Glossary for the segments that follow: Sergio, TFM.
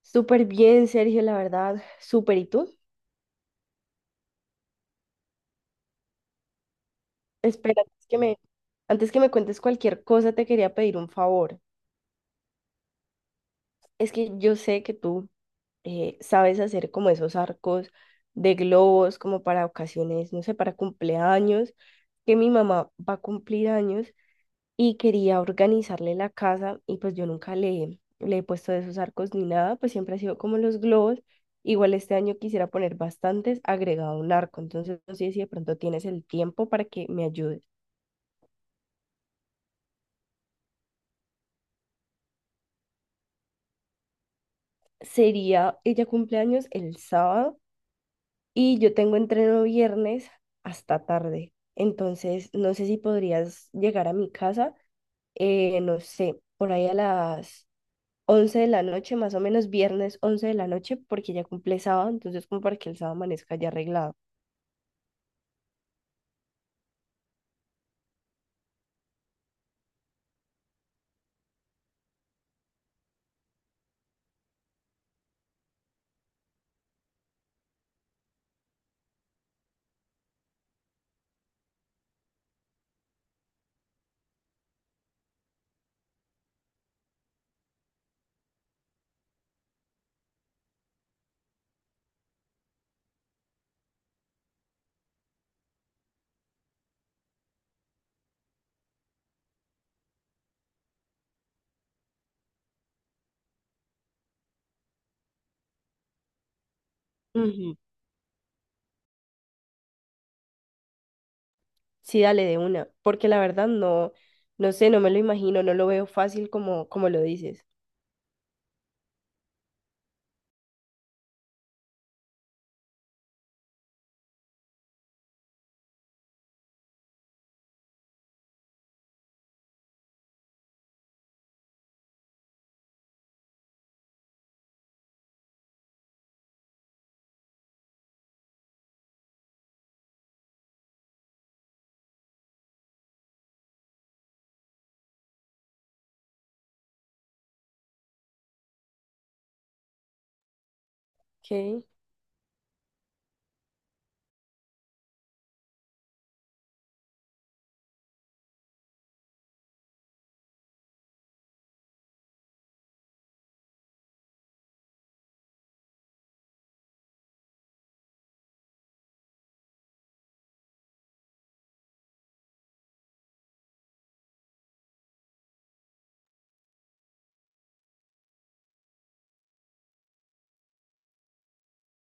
Súper bien, Sergio, la verdad, súper. ¿Y tú? Espera, antes que me cuentes cualquier cosa, te quería pedir un favor. Es que yo sé que tú sabes hacer como esos arcos de globos, como para ocasiones, no sé, para cumpleaños, que mi mamá va a cumplir años y quería organizarle la casa, y pues yo nunca le he puesto de esos arcos ni nada, pues siempre ha sido como los globos. Igual este año quisiera poner bastantes agregado un arco, entonces no sé si de pronto tienes el tiempo para que me ayudes. Sería, ella cumpleaños el sábado y yo tengo entreno viernes hasta tarde, entonces no sé si podrías llegar a mi casa, no sé, por ahí a las 11 de la noche, más o menos viernes 11 de la noche, porque ya cumple sábado, entonces como para que el sábado amanezca ya arreglado. Ujú. Sí, dale de una, porque la verdad no, no sé, no me lo imagino, no lo veo fácil como, como lo dices. Ok.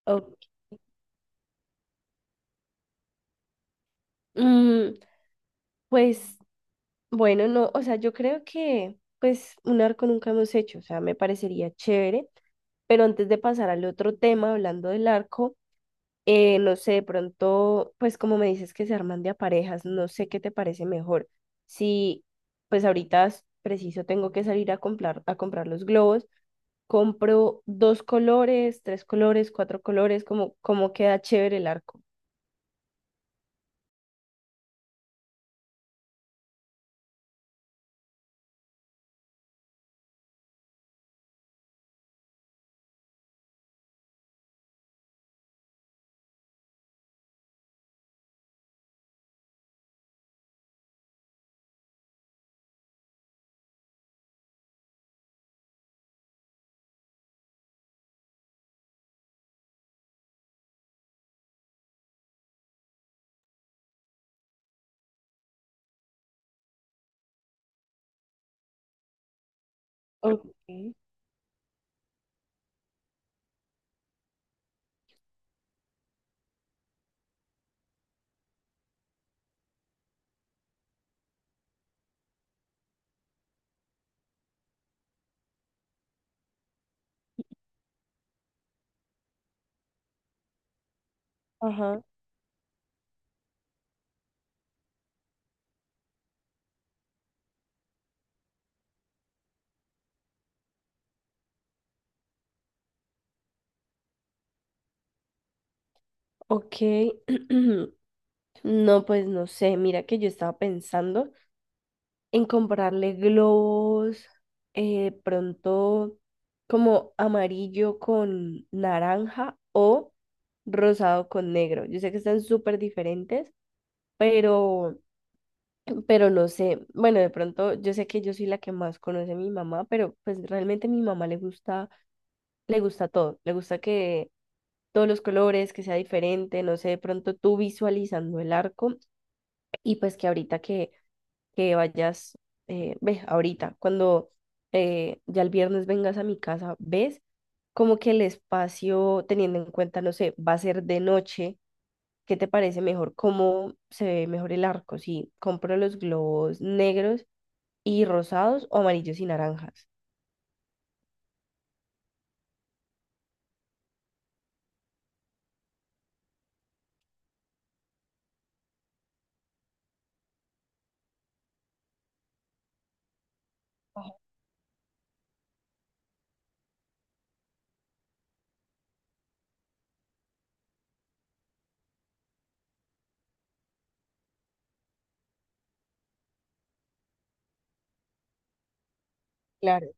Ok. Mm, pues bueno, no, o sea, yo creo que pues un arco nunca hemos hecho, o sea, me parecería chévere, pero antes de pasar al otro tema, hablando del arco. No sé, de pronto, pues como me dices que se arman de a parejas, no sé qué te parece mejor. Si, pues ahorita es preciso tengo que salir a comprar los globos, compro dos colores, tres colores, cuatro colores, como, como queda chévere el arco. Ok, ajá, ok. No, pues no sé, mira que yo estaba pensando en comprarle globos, pronto como amarillo con naranja o rosado con negro. Yo sé que están súper diferentes, pero, pero no sé. Bueno, de pronto yo sé que yo soy la que más conoce a mi mamá, pero pues realmente a mi mamá le gusta todo. Le gusta que todos los colores, que sea diferente, no sé, de pronto tú visualizando el arco y pues que ahorita que vayas, ves, ahorita, cuando ya el viernes vengas a mi casa, ves como que el espacio, teniendo en cuenta, no sé, va a ser de noche, ¿qué te parece mejor? ¿Cómo se ve mejor el arco? Si compro los globos negros y rosados o amarillos y naranjas. Ajá, claro.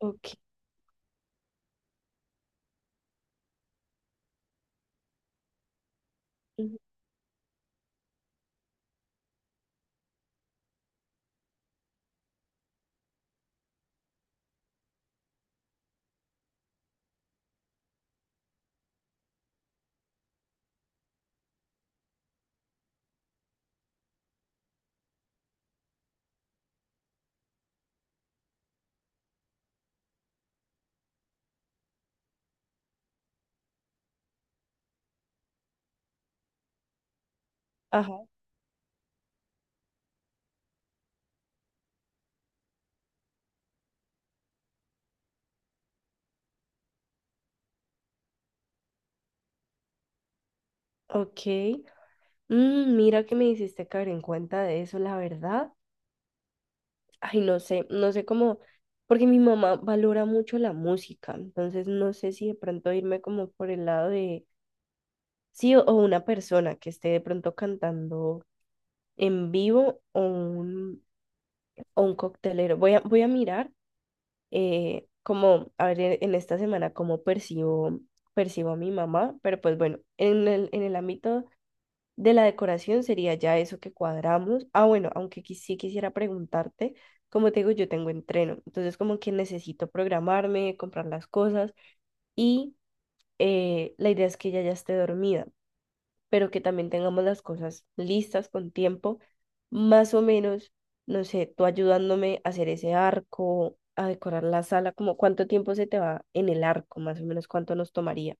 Ok, ajá, ok. Mira que me hiciste caer en cuenta de eso, la verdad. Ay, no sé, no sé cómo, porque mi mamá valora mucho la música, entonces no sé si de pronto irme como por el lado de, sí, o una persona que esté de pronto cantando en vivo o un coctelero. Voy a mirar como, a ver, en esta semana cómo percibo a mi mamá, pero pues bueno, en el ámbito de la decoración sería ya eso que cuadramos. Ah, bueno, aunque qui- sí quisiera preguntarte, como te digo, yo tengo entreno, entonces como que necesito programarme, comprar las cosas y la idea es que ella ya esté dormida, pero que también tengamos las cosas listas con tiempo, más o menos, no sé, tú ayudándome a hacer ese arco, a decorar la sala, como cuánto tiempo se te va en el arco, más o menos cuánto nos tomaría.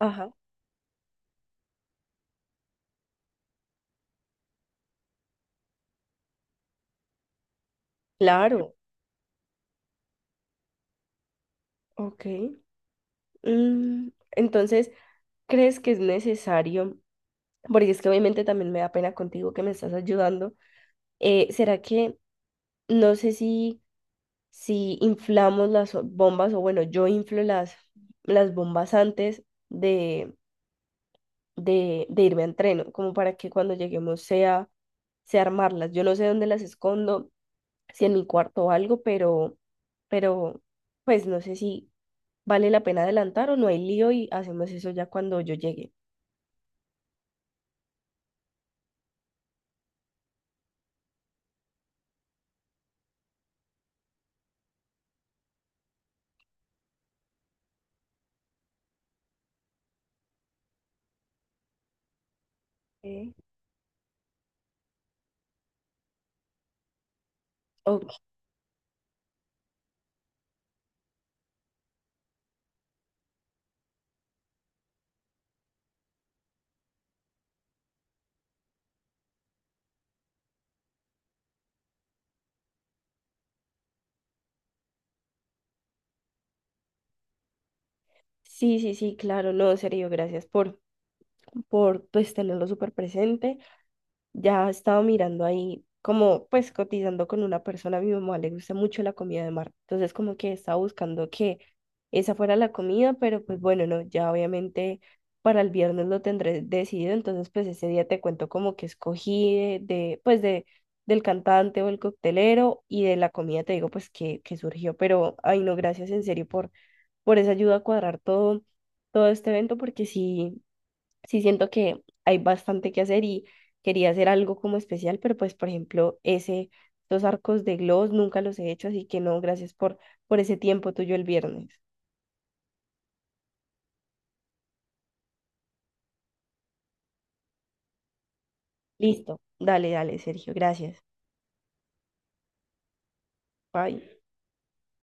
Ajá. Claro, ok. Entonces... ¿crees que es necesario? Porque es que obviamente también me da pena contigo que me estás ayudando. ¿Será que no sé si, si inflamos las o- bombas o bueno, yo inflo las bombas antes de, de irme a entreno, como para que cuando lleguemos sea armarlas. Yo no sé dónde las escondo, si en mi cuarto o algo, pero pues no sé si vale la pena adelantar o no hay lío y hacemos eso ya cuando yo llegue. Ok. Sí, sí, sí, claro, no, en serio, por pues tenerlo súper presente. Ya estaba mirando ahí, como pues cotizando con una persona, a mi mamá le gusta mucho la comida de mar, entonces como que estaba buscando que esa fuera la comida, pero pues bueno, no, ya obviamente para el viernes lo tendré decidido, entonces pues ese día te cuento como que escogí de, del cantante o el coctelero, y de la comida te digo pues que surgió, pero ay no, gracias en serio por esa ayuda a cuadrar todo, todo este evento, porque sí, sí siento que hay bastante que hacer y quería hacer algo como especial, pero pues, por ejemplo, ese, los arcos de gloss nunca los he hecho, así que no, por ese tiempo tuyo el viernes. Listo, dale, dale, Sergio, gracias. Bye.